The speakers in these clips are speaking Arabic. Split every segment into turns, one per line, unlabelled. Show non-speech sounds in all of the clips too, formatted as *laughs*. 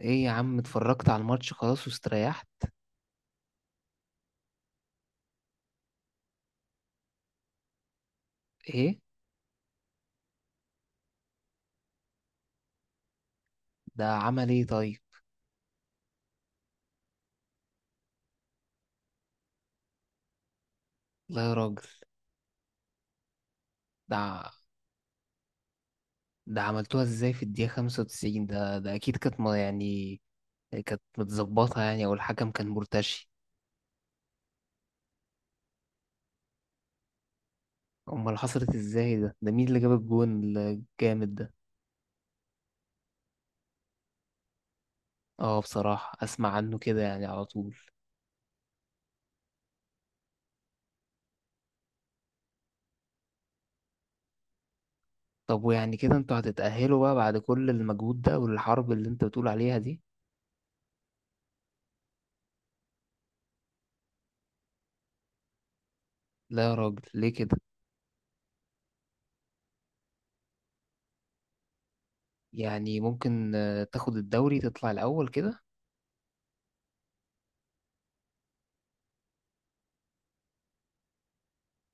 ايه يا عم، اتفرجت على الماتش خلاص واستريحت. ايه؟ ده عمل ايه طيب؟ لا يا راجل. ده ده عملتوها ازاي في الدقيقة 95؟ ده اكيد كانت ما يعني، كانت متظبطة يعني، او الحكم كان مرتشي. امال حصلت ازاي؟ ده مين اللي جاب الجون الجامد ده؟ اه، بصراحة اسمع عنه كده يعني على طول. طب ويعني كده انتوا هتتأهلوا بقى بعد كل المجهود ده والحرب اللي انت بتقول عليها دي؟ لا يا راجل، ليه كده؟ يعني ممكن، تاخد الدوري تطلع الاول كده.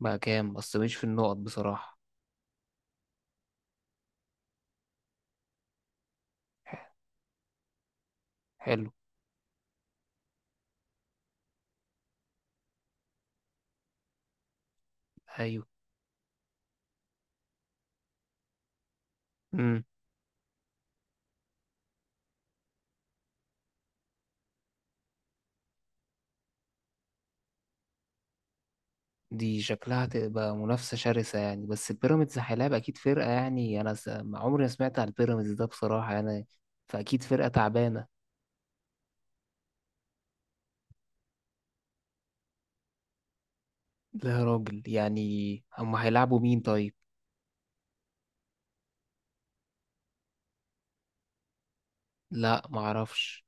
بقى كام؟ بس مش في النقط بصراحة. حلو. أيوة. امم. دي شكلها تبقى منافسة شرسة يعني، بس بيراميدز هيلاعب أكيد فرقة يعني. أنا ما عمري ما سمعت عن البيراميدز ده بصراحة يعني. فأكيد فرقة تعبانة. لا يا راجل، يعني هما هيلعبوا مين طيب؟ لا، معرفش.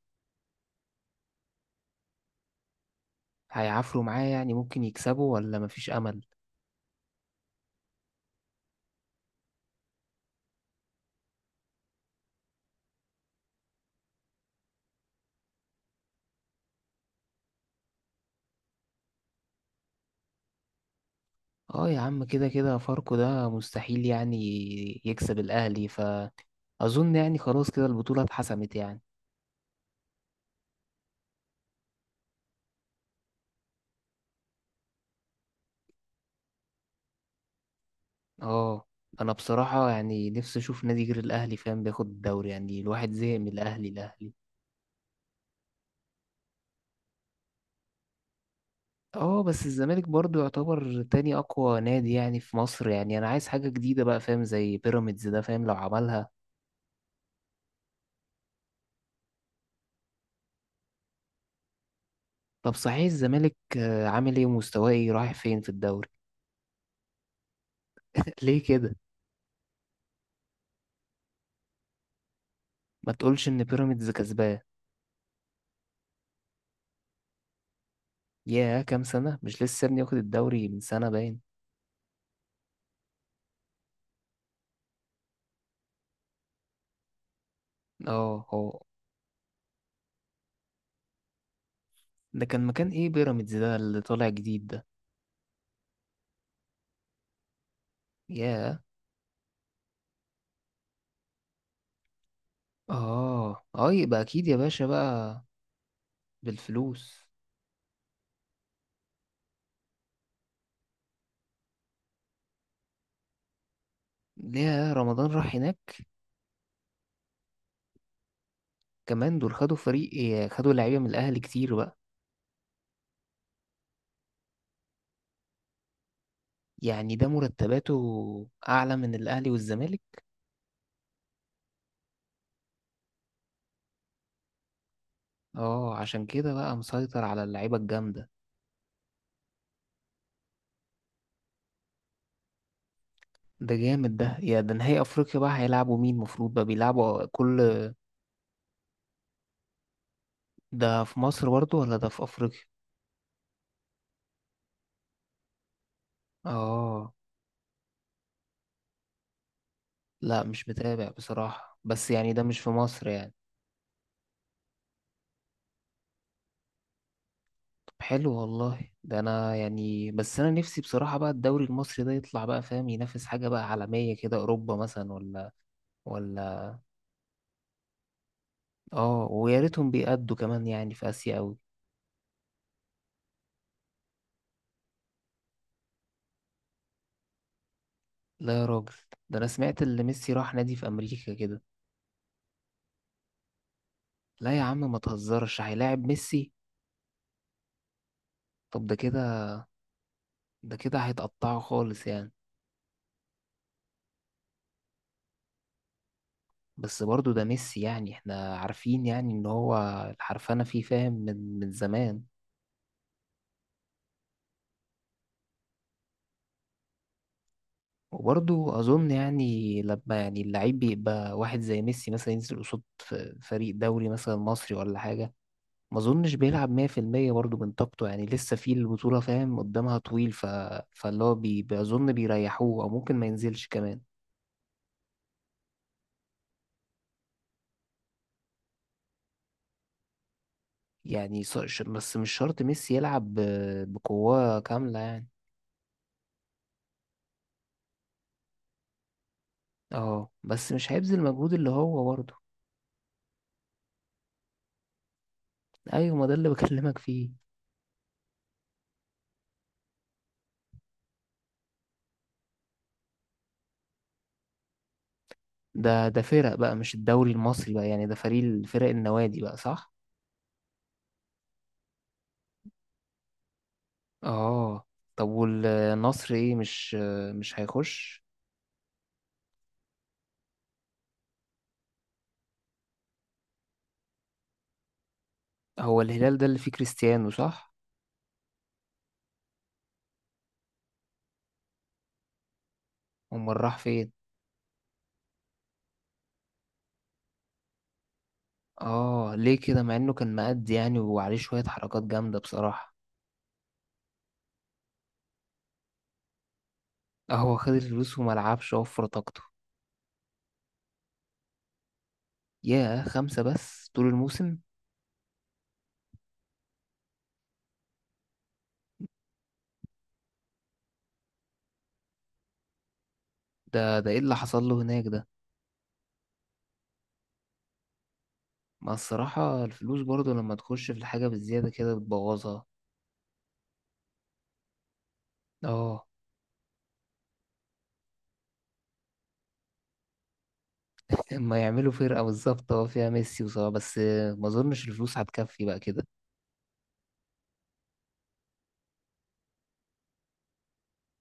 هيعافروا معاه؟ يعني ممكن يكسبوا ولا مفيش أمل؟ اه يا عم، كده كده فاركو ده مستحيل يعني يكسب الأهلي، فأظن يعني خلاص كده البطولة اتحسمت يعني. اه. انا بصراحة يعني نفسي اشوف نادي غير الاهلي، فاهم، بياخد الدوري. يعني الواحد زهق من الاهلي الاهلي. اه، بس الزمالك برضو يعتبر تاني اقوى نادي يعني في مصر. يعني انا عايز حاجة جديدة بقى، فاهم، زي بيراميدز ده، فاهم، لو عملها. طب صحيح الزمالك عامل ايه ومستواه ايه؟ رايح فين في الدوري؟ *laughs* ليه كده؟ ما تقولش ان بيراميدز كسبان. ياه، كام سنة؟ مش لسه ابني واخد الدوري من سنة باين. اه، هو. ده كان مكان ايه بيراميدز ده اللي طالع جديد ده؟ ياه. اه، اه، يبقى اكيد يا باشا بقى. بالفلوس. ليه رمضان راح هناك؟ كمان دول خدوا فريق إيه، خدوا لعيبه من الاهلي كتير بقى. يعني ده مرتباته اعلى من الاهلي والزمالك؟ اه، عشان كده بقى مسيطر على اللعيبه الجامده. ده جامد ده، يا ده نهائي افريقيا بقى، هيلعبوا مين مفروض بقى، بيلعبوا كل؟ ده في مصر برضو ولا ده في افريقيا؟ اه. لا، مش متابع بصراحه، بس يعني ده مش في مصر يعني؟ حلو والله. ده انا يعني، بس انا نفسي بصراحة بقى الدوري المصري ده يطلع بقى، فاهم، ينافس حاجة بقى عالمية كده، اوروبا مثلا ولا؟ ولا؟ اه، ويا ريتهم بيأدوا كمان يعني في اسيا اوي. لا يا راجل. ده انا سمعت اللي ميسي راح نادي في امريكا كده. لا يا عم، ما تهزرش، هيلاعب ميسي؟ طب ده كده؟ ده كده هيتقطعه خالص يعني. بس برضه ده ميسي يعني، احنا عارفين يعني ان هو الحرفنة فيه، فاهم، من زمان. وبرضه أظن يعني لما يعني اللعيب بيبقى واحد زي ميسي مثلا ينزل قصاد فريق دوري مثلا مصري ولا حاجة. ما أظنش بيلعب 100% برضه من طاقته، يعني لسه في البطولة، فاهم، قدامها طويل فاللي هو بأظن بيريحوه أو ممكن ما ينزلش كمان. يعني بس مش شرط ميسي يلعب بقوة كاملة يعني. اه، بس مش هيبذل المجهود اللي هو برضه. أيوة، ما ده اللي *laughs* بكلمك فيه. ده فرق بقى، مش الدوري المصري بقى، يعني ده فريق فرق النوادي بقى، صح؟ اه. طب والنصر ايه، مش هيخش؟ هو الهلال ده اللي فيه كريستيانو، صح؟ امال راح فين؟ اه، ليه كده مع انه كان مقد يعني، وعليه شوية حركات جامدة بصراحة. اه، هو خد الفلوس وملعبش، وفر طاقته. ياه، خمسة بس طول الموسم؟ ده ايه اللي حصل له هناك ده؟ ما الصراحة الفلوس برضه لما تخش في الحاجة بالزيادة كده بتبوظها. اه. اما يعملوا فرقة بالظبط، فيها ميسي وصلاح بس. ما اظنش الفلوس هتكفي بقى كده.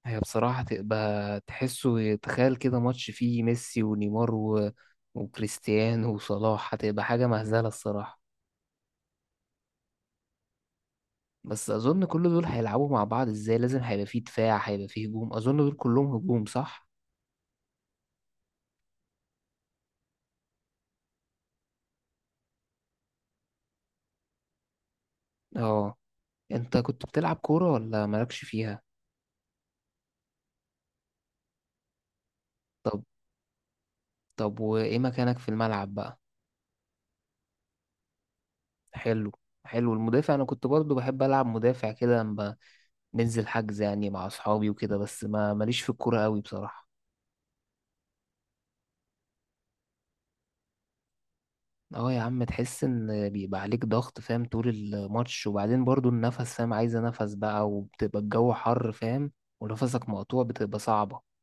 هي بصراحة تبقى تحسه، تخيل كده ماتش فيه ميسي ونيمار وكريستيانو وصلاح، هتبقى حاجة مهزلة الصراحة. بس أظن كل دول هيلعبوا مع بعض ازاي؟ لازم هيبقى فيه دفاع، هيبقى فيه هجوم، أظن دول كلهم هجوم، صح؟ اه. انت كنت بتلعب كورة ولا مالكش فيها؟ طب طب وإيه مكانك في الملعب بقى؟ حلو. حلو، المدافع أنا كنت برضو بحب ألعب مدافع كده لما بنزل حجز يعني مع أصحابي وكده، بس ما ماليش في الكورة قوي بصراحة. اه يا عم، تحس ان بيبقى عليك ضغط، فاهم، طول الماتش. وبعدين برضو النفس، فاهم، عايزة نفس بقى، وبتبقى الجو حر، فاهم. ونفسك مقطوع، بتبقى صعبة.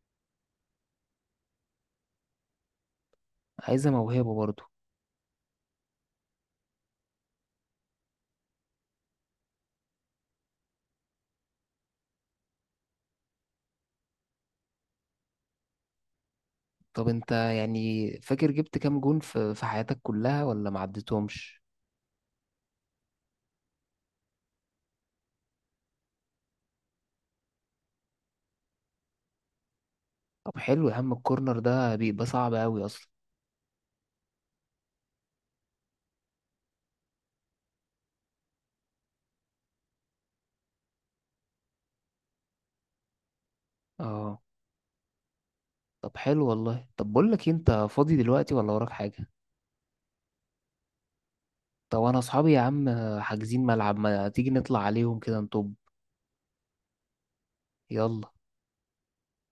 عايزة موهبة برضو. طب انت يعني فاكر جبت كام جون في حياتك كلها، ولا ما عدتهمش؟ طب حلو يا عم، الكورنر ده بيبقى صعب قوي اصلا. اه. طب حلو والله. طب بقول لك إيه، انت فاضي دلوقتي ولا وراك حاجة؟ طب انا اصحابي يا عم، حاجزين ملعب، ما تيجي نطلع عليهم كده نطب؟ يلا.